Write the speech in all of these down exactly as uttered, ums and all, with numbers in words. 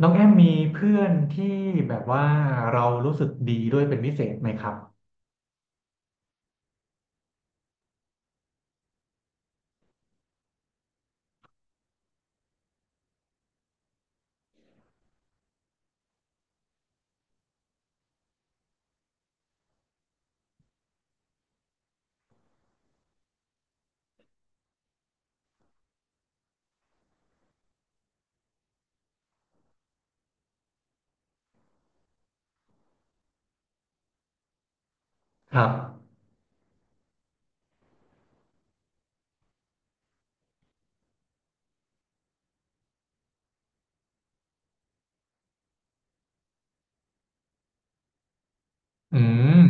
น้องแอมมีเพื่อนที่แบบว่าเรารู้สึกดีด้วยเป็นพิเศษไหมครับครับอืม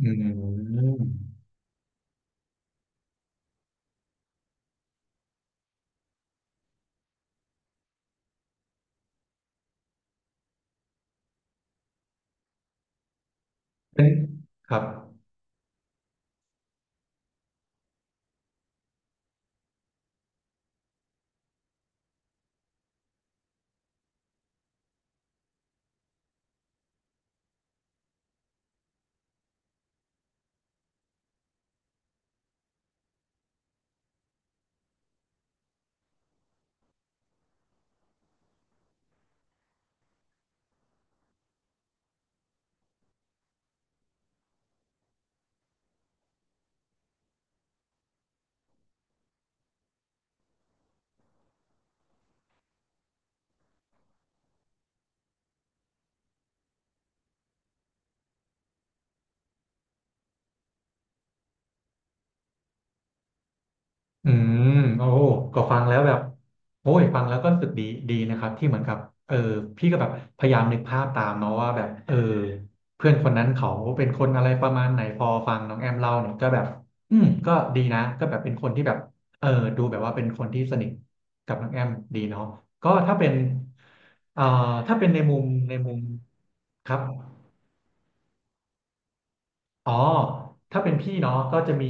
อืมเป็นครับ อืมโอ้ก็ฟังแล้วแบบโอ้ยฟังแล้วก็รู้สึกดีดีนะครับที่เหมือนกับเออพี่ก็แบบพยายามนึกภาพตามเนาะว่าแบบเออเพื่อนคนนั้นเขาเป็นคนอะไรประมาณไหนพอฟังน้องแอมเล่าเนี่ยก็แบบอืมก็ดีนะก็แบบเป็นคนที่แบบเออดูแบบว่าเป็นคนที่สนิทกับน้องแอมดีเนาะก็ถ้าเป็นเอ่อถ้าเป็นในมุมในมุมครับ อ๋อถ้าเป็นพี่เนาะก็จะมี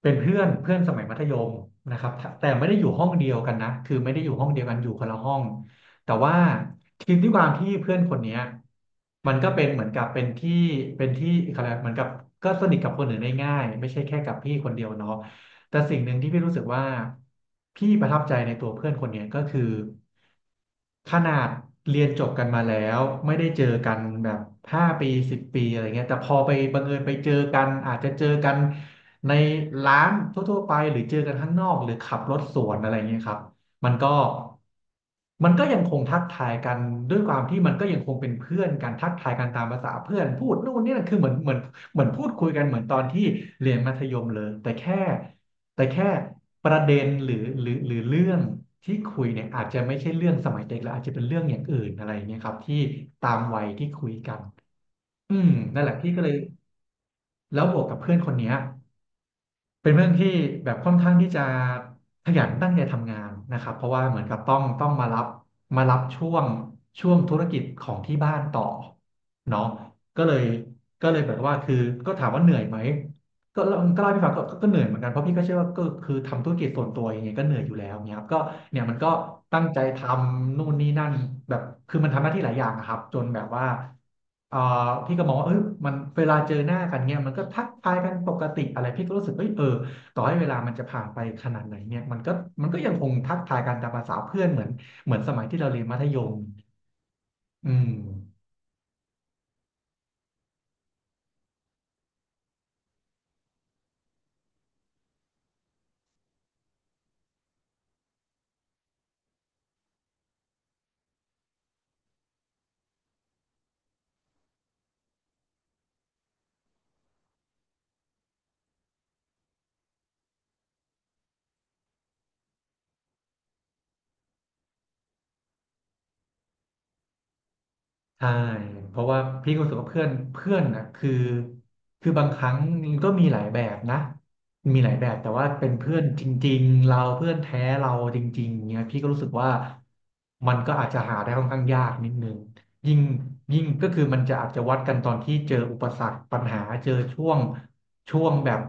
เป็นเพื่อนเพื่อนสมัยมัธยมนะครับแต่ไม่ได้อยู่ห้องเดียวกันนะคือไม่ได้อยู่ห้องเดียวกันอยู่คนละห้อง แต่ว่าทีมที่ความที่เพื่อนคนเนี้ยมันก็เป็นเหมือนกับเป็นที่เป็นที่อะไรยกเหมือนกับก็สนิทกับคนอื่นได้ง่ายไม่ใช่แค่กับพี่คนเดียวเนาะ แต่สิ่งหนึ่งที่พี่รู้สึกว่าพี่ประทับใจในตัวเพื่อนคนเนี้ยก็คือขนาดเรียนจบกันมาแล้วไม่ได้เจอกันแบบห้าปีสิบปีอะไรเงี้ยแต่พอไปบังเอิญไปเจอกันอาจจะเจอกันในร้านทั่วๆไปหรือเจอกันข้างนอกหรือขับรถสวนอะไรเงี้ยครับมันก็มันก็ยังคงทักทายกันด้วยความที่มันก็ยังคงเป็นเพื่อนกันทักทายกันตามภาษาเพื่อนพูดนู่นนี่นั่นคือเหมือนเหมือนเหมือนพูดคุยกันเหมือนตอนที่เรียนมัธยมเลยแต่แค่ แต่แค่ประเด็นหรือหรือหรือเรื่องที่คุยเนี่ยอาจจะไม่ใช่เรื่องสมัยเด็กแล้วอาจจะเป็นเรื่องอย่างอื่นอะไรอย่างเงี้ยครับที่ตามวัยที่คุยกันอืมนั่นแหละพี่ก็เลยแล้วบวกกับเพื่อนคนเนี้ย เป็นเรื่องที่แบบค่อนข้างที่จะขยันตั้งใจทำงานนะครับเพราะว่าเหมือนกับต้องต้องมารับมารับช่วงช่วงธุรกิจของที่บ้านต่อเนาะก็เลยก็เลยแบบว่าคือก็ถามว่าเหนื่อยไหมก็ก็เล่าให้พี่ฟังก็ก็ก็เหนื่อยเหมือนกันเพราะพี่ก็เชื่อว่าก็คือทำธุรกิจส่วนตัวยังไงก็เหนื่อยอยู่แล้วเนี่ยครับก็เนี่ยมันก็ตั้งใจทำนู่นนี่นั่นแบบคือมันทำหน้าที่หลายอย่างอะครับจนแบบว่า เอ่อพี่ก็มองว่าเอยมันเวลาเจอหน้ากันเนี่ยมันก็ทักทายกันปกติอะไร พี่ก็รู้สึกเอ้ยเออต่อให้เวลามันจะผ่านไปขนาดไหนเนี่ยมันก็มันก็ยังคงทักทายกันตามภาษาเพื่อนเหมือน เหมือนสมัยที่เราเรียนมัธยมอืม ใช่เพราะว่าพี่ก็รู้สึกว่าเพื่อนเพื่อนนะคือคือบางครั้งมันก็มีหลายแบบนะมีหลายแบบแต่ว่าเป็นเพื่อนจริงๆเราเพื่อนแท้เราจริงๆเนี่ยพี่ก็รู้สึกว่ามันก็อาจจะหาได้ค่อนข้างยากนิดนึงยิ่งยิ่งก็คือมันจะอาจจะวัดกันตอนที่เจออุปสรรคปัญหาเจอช่วงช่วงแบบ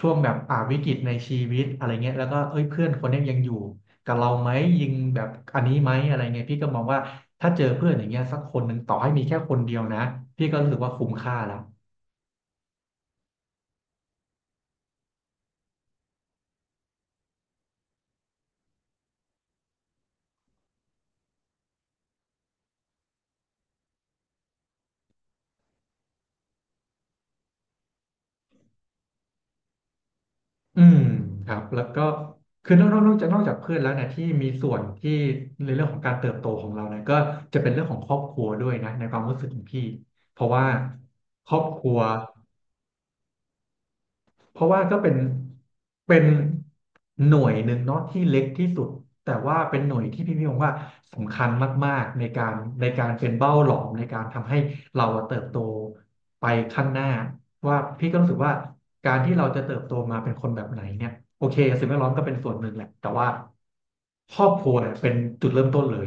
ช่วงแบบอ่าวิกฤตในชีวิตอะไรเงี้ยแล้วก็เอ้ยเพื่อนคนเนี้ยยังอยู่กับเราไหมยิงแบบอันนี้ไหมอะไรเงี้ยพี่ก็มองว่า ถ้าเจอเพื่อนอย่างเงี้ยสักคนหนึ่งต่อให้มีแค่คนเดียวนะพี่ก็รู้สึกว่าคุ้มค่าแล้วอืมครับแล้วก็คือนอกนอกนอกจากนอกจากเพื่อนแล้วเนี่ยที่มีส่วนที่ในเรื่องของการเติบโตของเราเนี่ยก็จะเป็นเรื่องของครอบครัวด้วยนะในความรู้สึกของพี่เพราะว่าครอบครัว เพราะว่าก็เป็นเป็นหน่วยหนึ่งเนาะที่เล็กที่สุดแต่ว่าเป็นหน่วยที่พี่พี่มองว่าสำคัญมากๆในการในการเป็นเบ้าหลอมในการทำให้เราอะเติบโตไปข้างหน้าว่าพี่ก็รู้สึกว่าการที่เราจะเติบโตมาเป็นคนแบบไหนเนี่ยโอเคสิ่งแวดล้อมก็เป็นส่วนหนึ่งแหละแต่ว่าครอบครัวเนี่ยเป็นจุดเริ่มต้นเลย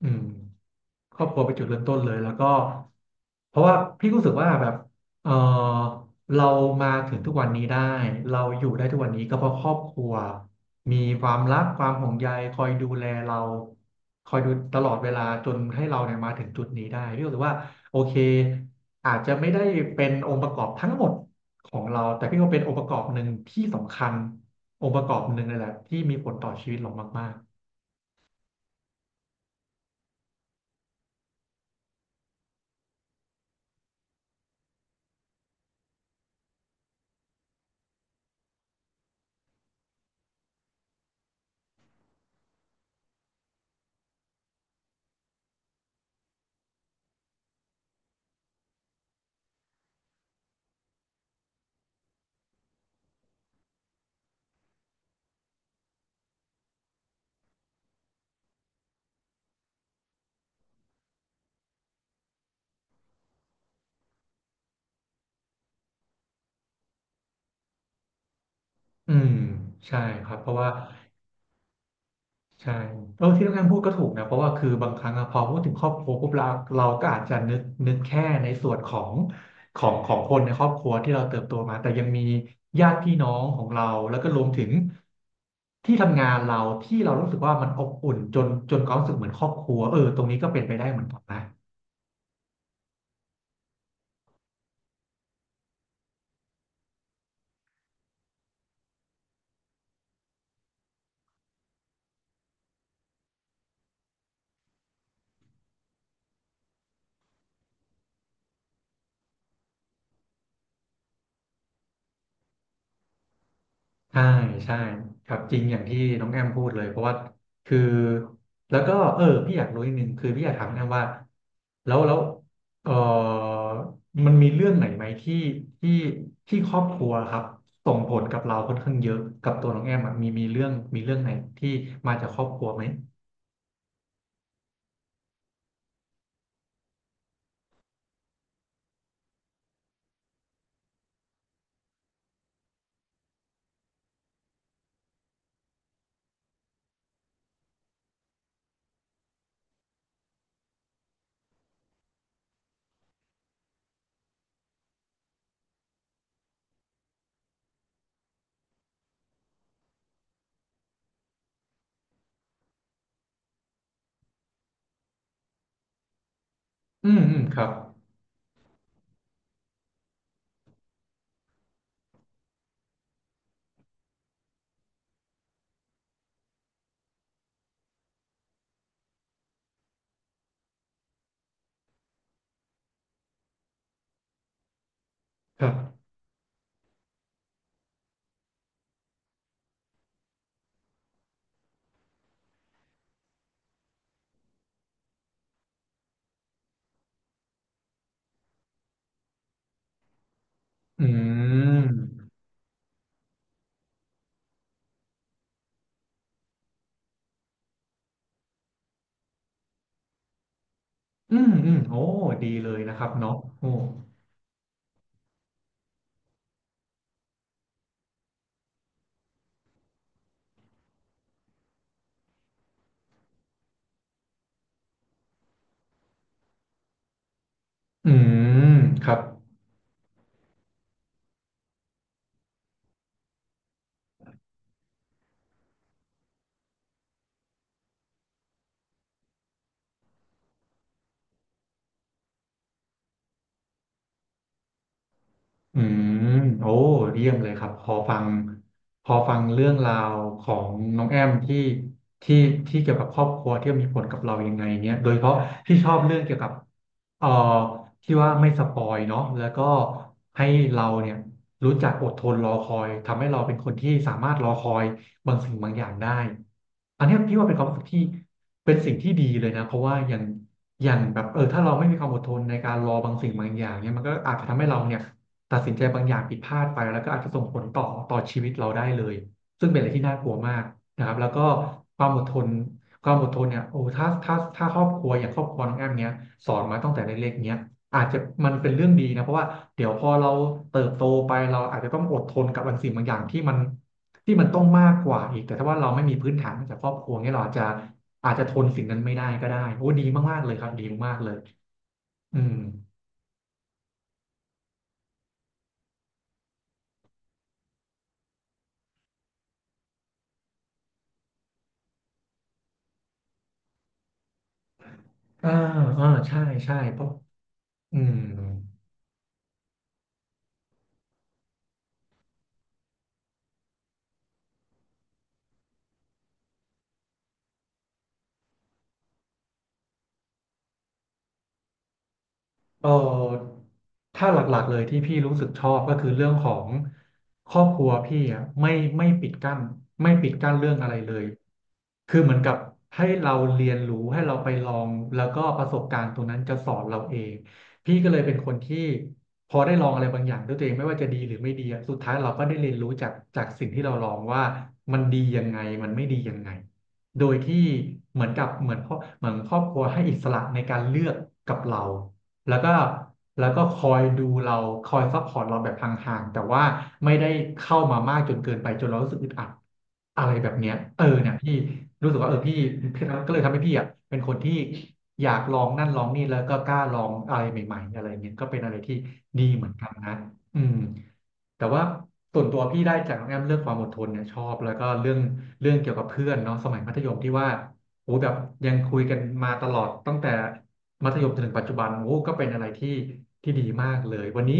อืม ครอบครัวเป็นจุดเริ่มต้นเลยแล้วก็เพราะว่าพี่ก็รู้สึกว่าแบบเออเรามาถึงทุกวันนี้ได้เราอยู่ได้ทุกวันนี้ก็เพราะครอบครัวมีความรักความห่วงใยคอยดูแลเราคอยดูตลอดเวลาจนให้เราเนี่ยมาถึงจุดนี้ได้พี่รู้สึกว่าโอเคอาจจะไม่ได้เป็นองค์ประกอบทั้งหมดของเราแต่พี่ว่าเป็นองค์ประกอบหนึ่งที่สำคัญองค์ประกอบหนึ่งเลยแหละที่มีผลต่อชีวิตเรามากๆอืมใช่ครับเพราะว่า ใช่เออที่นุกง่านพูดก็ถูกนะเพราะว่าคือบางครั้งอะพอพูดถึงครอบครัวปุ๊บเราเราก็อาจจะนึกนึกแค่ในส่วนของของของคนในครอบครัวที่เราเติบโตมาแต่ยังมีญาติพี่น้องของเราแล้วก็รวมถึงที่ทำงานเราที่เรารู้สึกว่ามันอบอุ่นจนจนความรู้สึกเหมือนครอบครัวเออตรงนี้ก็เป็นไปได้เหมือนกันนะ ใช่ใช่ครับจริงอย่างที่น้องแอมพูดเลยเพราะว่าคือแล้วก็เออพี่อยากรู้อีิหนึงคือพี่อยากถามน้องแอมว่าแล้วแล้วเออมันมีเรื่องไหนไหมที่ที่ที่ครอบครัวครับส่งผลกับเราค่อนข้างเยอะกับตัวน้องแอมอะมีมีเรื่องมีเรื่องไหนที่มาจากครอบครัวไหมอืมอืมครับครับอืมอืมอืมโอ้ดีเลยนะครับเนาะโอ้อืมครับ อืมโอ้เยี่ยมเลยครับพอฟังพอฟังเรื่องราวของน้องแอมที่ที่ที่เกี่ยวกับครอบครัวที่มีผลกับเรายังไงเนี้ยโดยเฉพาะที่ชอบเรื่องเกี่ยวกับเอ่อที่ว่าไม่สปอยเนาะแล้วก็ให้เราเนี่ยรู้จักอดทนรอคอยทำให้เราเป็นคนที่สามารถรอคอยบางสิ่งบางอย่างได้อันเนี้ยพี่ว่าเป็นความรู้สึกที่เป็นสิ่งที่ดีเลยนะเพราะว่าอย่างอย่างแบบเออถ้าเราไม่มีความอดทนในการรอบางสิ่งบางอย่างเนี่ยมันก็อาจจะทำให้เราเนี่ย ตัดสินใจบางอย่างผิดพลาดไปแล้วก็อาจจะส่งผลต่อต่อชีวิตเราได้เลยซึ่งเป็นอะไรที่น่ากลัวมากนะครับแล้วก็ความอดทนความอดทนเนี่ยโอ้ถ้าถ้าถ้าครอบครัวอย่างครอบครัวน้องแอมเนี้ยสอนมาตั้งแต่เล็กๆเนี้ยอาจจะมันเป็นเรื่องดีนะเพราะว่าเดี๋ยวพอเราเติบโตไปเราอาจจะต้องอดทนกับบางสิ่งบางอย่างที่มันที่มันต้องมากกว่าอีกแต่ถ้าว่าเราไม่มีพื้นฐานมาจากครอบครัวเนี้ยเราอาจจะอาจจะทนสิ่งนั้นไม่ได้ก็ได้โอ้ดีมากๆเลยครับดีมากๆเลยอืมอ่าอ่าใช่ใช่เพราะอืม เออถ้าหลักๆเลยที่พี่รู้สึกชอบก็คือเรื่องของครอบครัวพี่อ่ะไม่ไม่ปิดกั้นไม่ปิดกั้นเรื่องอะไรเลยคือเหมือนกับให้เราเรียนรู้ให้เราไปลองแล้วก็ประสบการณ์ตรงนั้นจะสอนเราเองพี่ก็เลยเป็นคนที่พอได้ลองอะไรบางอย่างด้วยตัวเองไม่ว่าจะดีหรือไม่ดีอะสุดท้ายเราก็ได้เรียนรู้จากจากสิ่งที่เราลองว่ามันดียังไงมันไม่ดียังไง โดยที่เหมือนกับเหมือนพ่อเหมือนครอบครัวให้อิสระในการเลือกกับเราแล้วก็แล้วก็คอยดูเราคอยซัพพอร์ตเราแบบห่างๆแต่ว่าไม่ได้เข้ามามากจนเกินไปจนเรารู้สึกอึดอัดอะไรแบบเนี้ยเออเนี่ยพี่รู้สึกว่าเออพี่พี่ก็เลยทำให้พี่อ่ะเป็นคนที่อยากลองนั่นลองนี่แล้วก็กล้าลองอะไรใหม่ๆอะไรเงี้ยก็เป็นอะไรที่ดีเหมือนกันนะอืม แต่ว่าส่วนตัวพี่ได้จากน้องแอมเรื่องความอดทนเนี่ยชอบแล้วก็เรื่องเรื่องเกี่ยวกับเพื่อนเนาะสมัยมัธยมที่ว่าโอ้แบบยังคุยกันมาตลอดตั้งแต่มัธยมจนถึงปัจจุบันโอ้ก็เป็นอะไรที่ที่ดีมากเลยวันนี้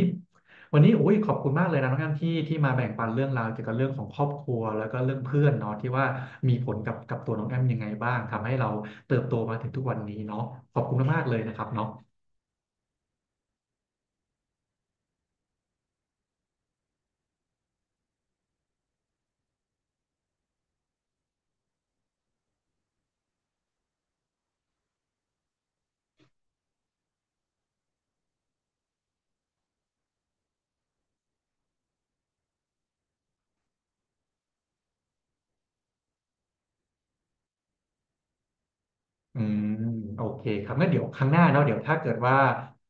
วันนี้โอ้ยขอบคุณมากเลยนะน้องแอมที่ที่มาแบ่งปันเรื่องราวเกี่ยวกับเรื่องของครอบครัวแล้วก็เรื่องเพื่อนเนาะที่ว่ามีผลกับกับตัวน้องแอมยังไงบ้างทำให้เราเติบโตมาถึงทุกวันนี้เนาะขอบคุณมากๆเลยนะครับเนาะ อืมโอเคครับงั้นเดี๋ยวครั้งหน้าเนาะเดี๋ยวถ้าเกิดว่า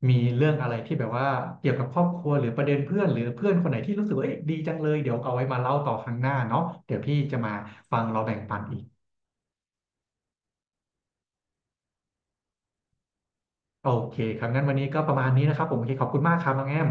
มีเรื่องอะไรที่แบบว่าเกี่ยวกับครอบครัวหรือประเด็นเพื่อนหรือเพื่อนคนไหนที่รู้สึกว่าเอ้ยดีจังเลยเดี๋ยวเอาไว้มาเล่าต่อครั้งหน้าเนาะเดี๋ยวพี่จะมาฟังเราแบ่งปันอีกโอเคครับงั้นวันนี้ก็ประมาณนี้นะครับผมโอเคขอบคุณมากครับน้องแอม